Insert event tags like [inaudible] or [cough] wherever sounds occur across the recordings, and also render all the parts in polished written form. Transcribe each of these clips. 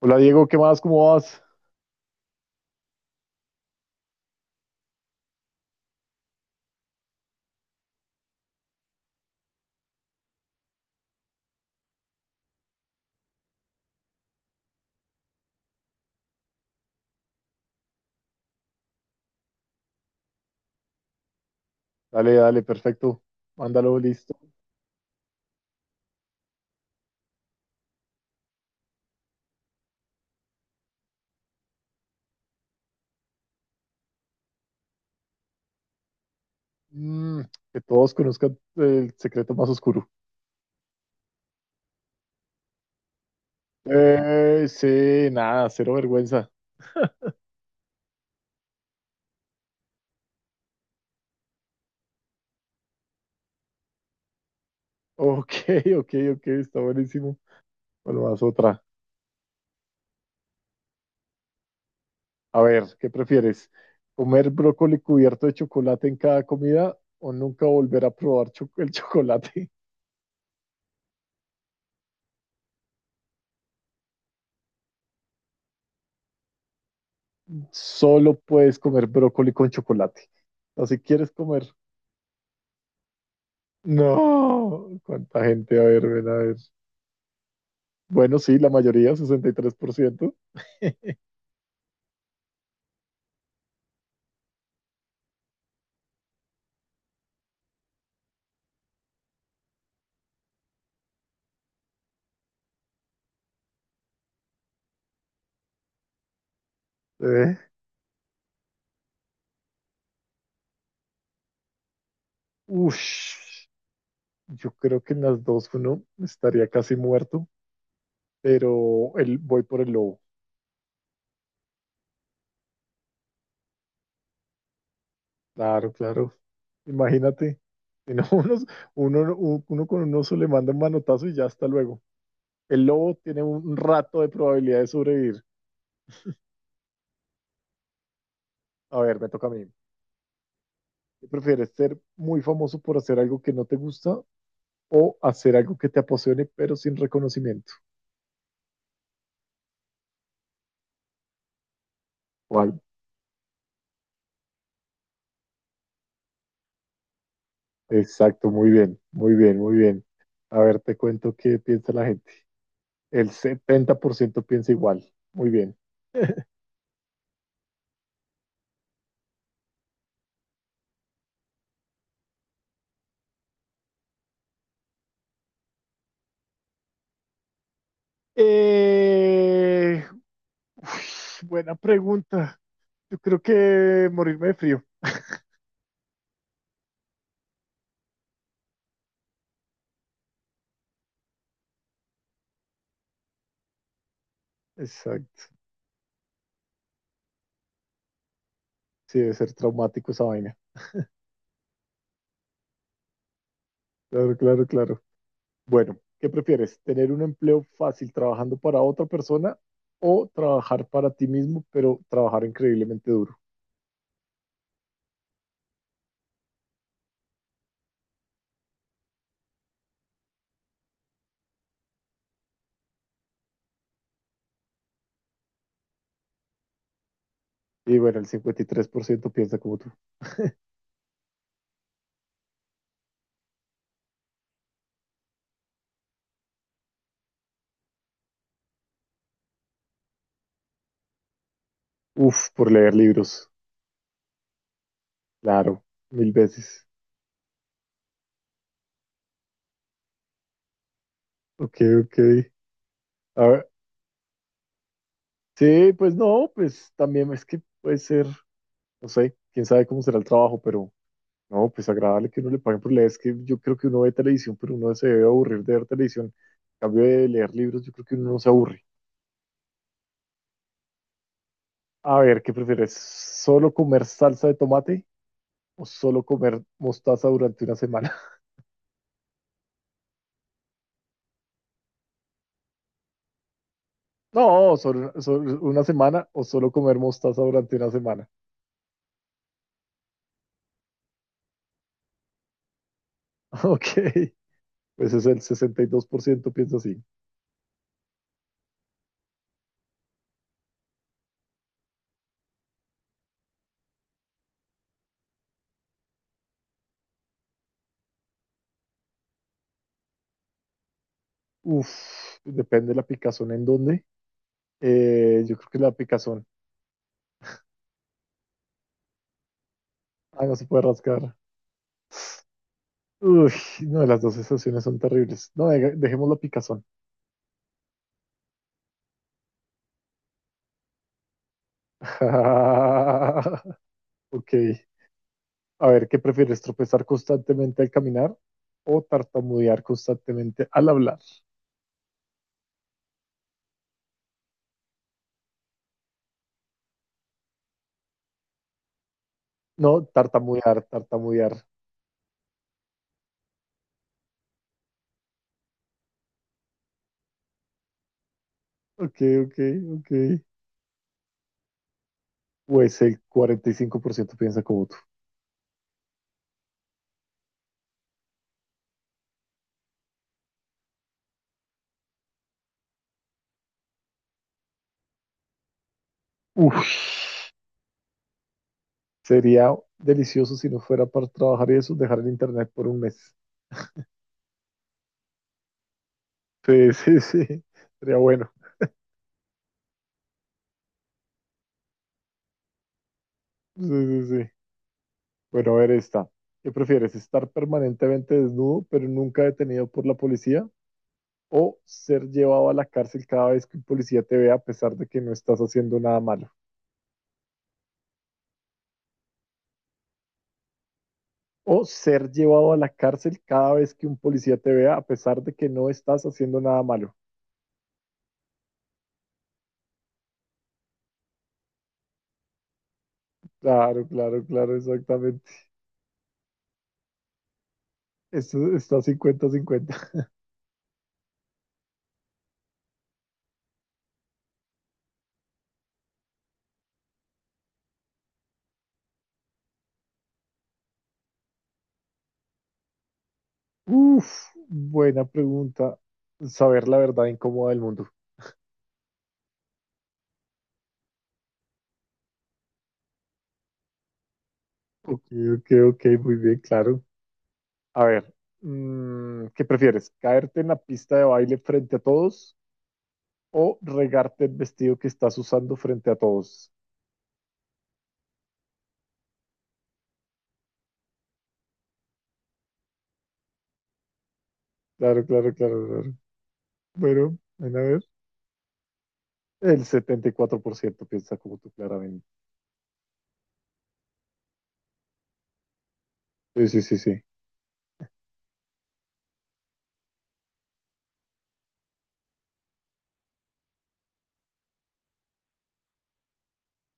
Hola Diego, ¿qué más? ¿Cómo vas? Dale, dale, perfecto. Mándalo, listo. Mm, que todos conozcan el secreto más oscuro. Sí, nada, cero vergüenza. Ok, [laughs] ok, ok, está buenísimo. Bueno, vas otra. A ver, ¿qué prefieres? ¿Comer brócoli cubierto de chocolate en cada comida o nunca volver a probar el chocolate? [laughs] Solo puedes comer brócoli con chocolate. O si quieres comer. No, cuánta gente, a ver, ven a ver. Bueno, sí, la mayoría, 63%. [laughs] Eh, Ush, yo creo que en las dos uno estaría casi muerto, pero voy por el lobo. Claro, claro. Imagínate. Si no, [laughs] uno con un oso le manda un manotazo y ya hasta luego. El lobo tiene un rato de probabilidad de sobrevivir. A ver, me toca a mí. ¿Qué prefieres, ser muy famoso por hacer algo que no te gusta o hacer algo que te apasione pero sin reconocimiento? ¿Cuál? Exacto, muy bien, muy bien, muy bien. A ver, te cuento qué piensa la gente. El 70% piensa igual. Muy bien. [laughs] Eh, Uf, buena pregunta. Yo creo que morirme de frío. Exacto. Sí, debe ser traumático esa vaina. Claro, claro, claro. Bueno, ¿qué prefieres? ¿Tener un empleo fácil trabajando para otra persona o trabajar para ti mismo, pero trabajar increíblemente duro? Y bueno, el 53% piensa como tú. Uf, por leer libros, claro, mil veces. Ok, ok. A ver, sí, pues no, pues también es que puede ser, no sé, quién sabe cómo será el trabajo, pero no, pues agradable que uno le paguen por leer. Es que yo creo que uno ve televisión, pero uno se debe aburrir de ver televisión. En cambio de leer libros, yo creo que uno no se aburre. A ver, ¿qué prefieres? ¿Solo comer salsa de tomate o solo comer mostaza durante una semana? [laughs] No, solo una semana o solo comer mostaza durante una semana. [laughs] Ok. Pues es el 62% piensa así. Uf, depende de la picazón en dónde. Yo creo que la picazón. Ah, no se puede rascar. Uy, no, las dos sensaciones son terribles. No, dejemos la picazón. [laughs] Ok. A ver, ¿qué prefieres? ¿Tropezar constantemente al caminar o tartamudear constantemente al hablar? No, tartamudear, tartamudear. Ok, ok, ok. Pues el 45% piensa como tú. Uf. Sería delicioso si no fuera para trabajar y eso, dejar el internet por un mes. Sí, [laughs] sí, sí. Sería bueno. Sí, sí, sí. Bueno, a ver esta. ¿Qué prefieres? ¿Estar permanentemente desnudo, pero nunca detenido por la policía? ¿O ser llevado a la cárcel cada vez que un policía te vea a pesar de que no estás haciendo nada malo? ¿O ser llevado a la cárcel cada vez que un policía te vea a pesar de que no estás haciendo nada malo? Claro, claro, claro, exactamente. Esto está cincuenta-cincuenta. Uf, buena pregunta. Saber la verdad incómoda del mundo. Ok, ok, ok, muy bien, claro. A ver, ¿qué prefieres? ¿Caerte en la pista de baile frente a todos o regarte el vestido que estás usando frente a todos? Claro, claro, claro, claro. Bueno, ven a ver. El 74% piensa como tú, claramente. Sí, sí, sí, sí.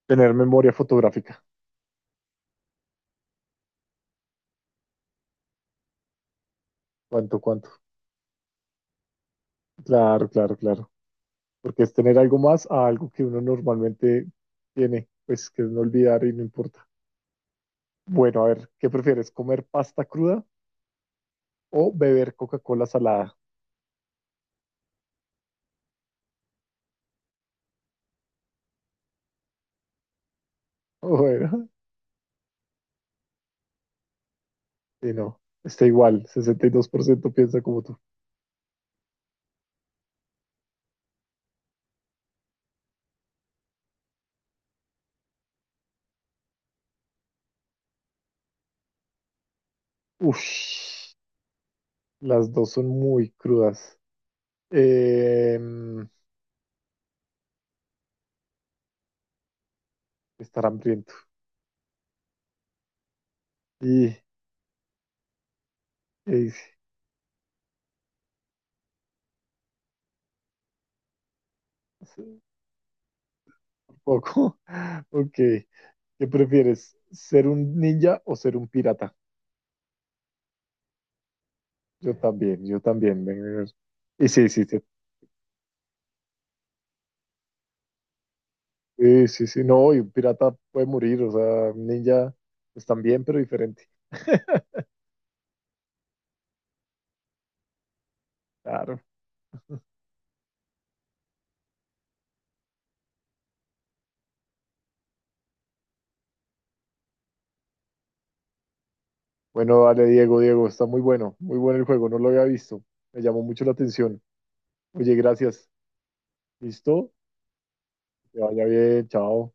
Tener memoria fotográfica. ¿Cuánto, cuánto? Claro, claro, claro. Porque es tener algo más a algo que uno normalmente tiene, pues que es no olvidar y no importa. Bueno, a ver, ¿qué prefieres? ¿Comer pasta cruda o beber Coca-Cola salada? [laughs] Bueno, y no, está igual, 62% piensa como tú. Uf, las dos son muy crudas. Eh, Estar hambriento. Y, y- un poco. [laughs] Ok, ¿qué prefieres? ¿Ser un ninja o ser un pirata? Yo también, yo también. Ven, ven, ven. Y sí, sí, sí, sí, sí, sí, no, y un pirata puede morir, o sea, un ninja, pues también, pero diferente. [laughs] Claro. Bueno, dale, Diego, Diego, está muy bueno, muy bueno el juego, no lo había visto. Me llamó mucho la atención. Oye, gracias. ¿Listo? Que vaya bien, chao.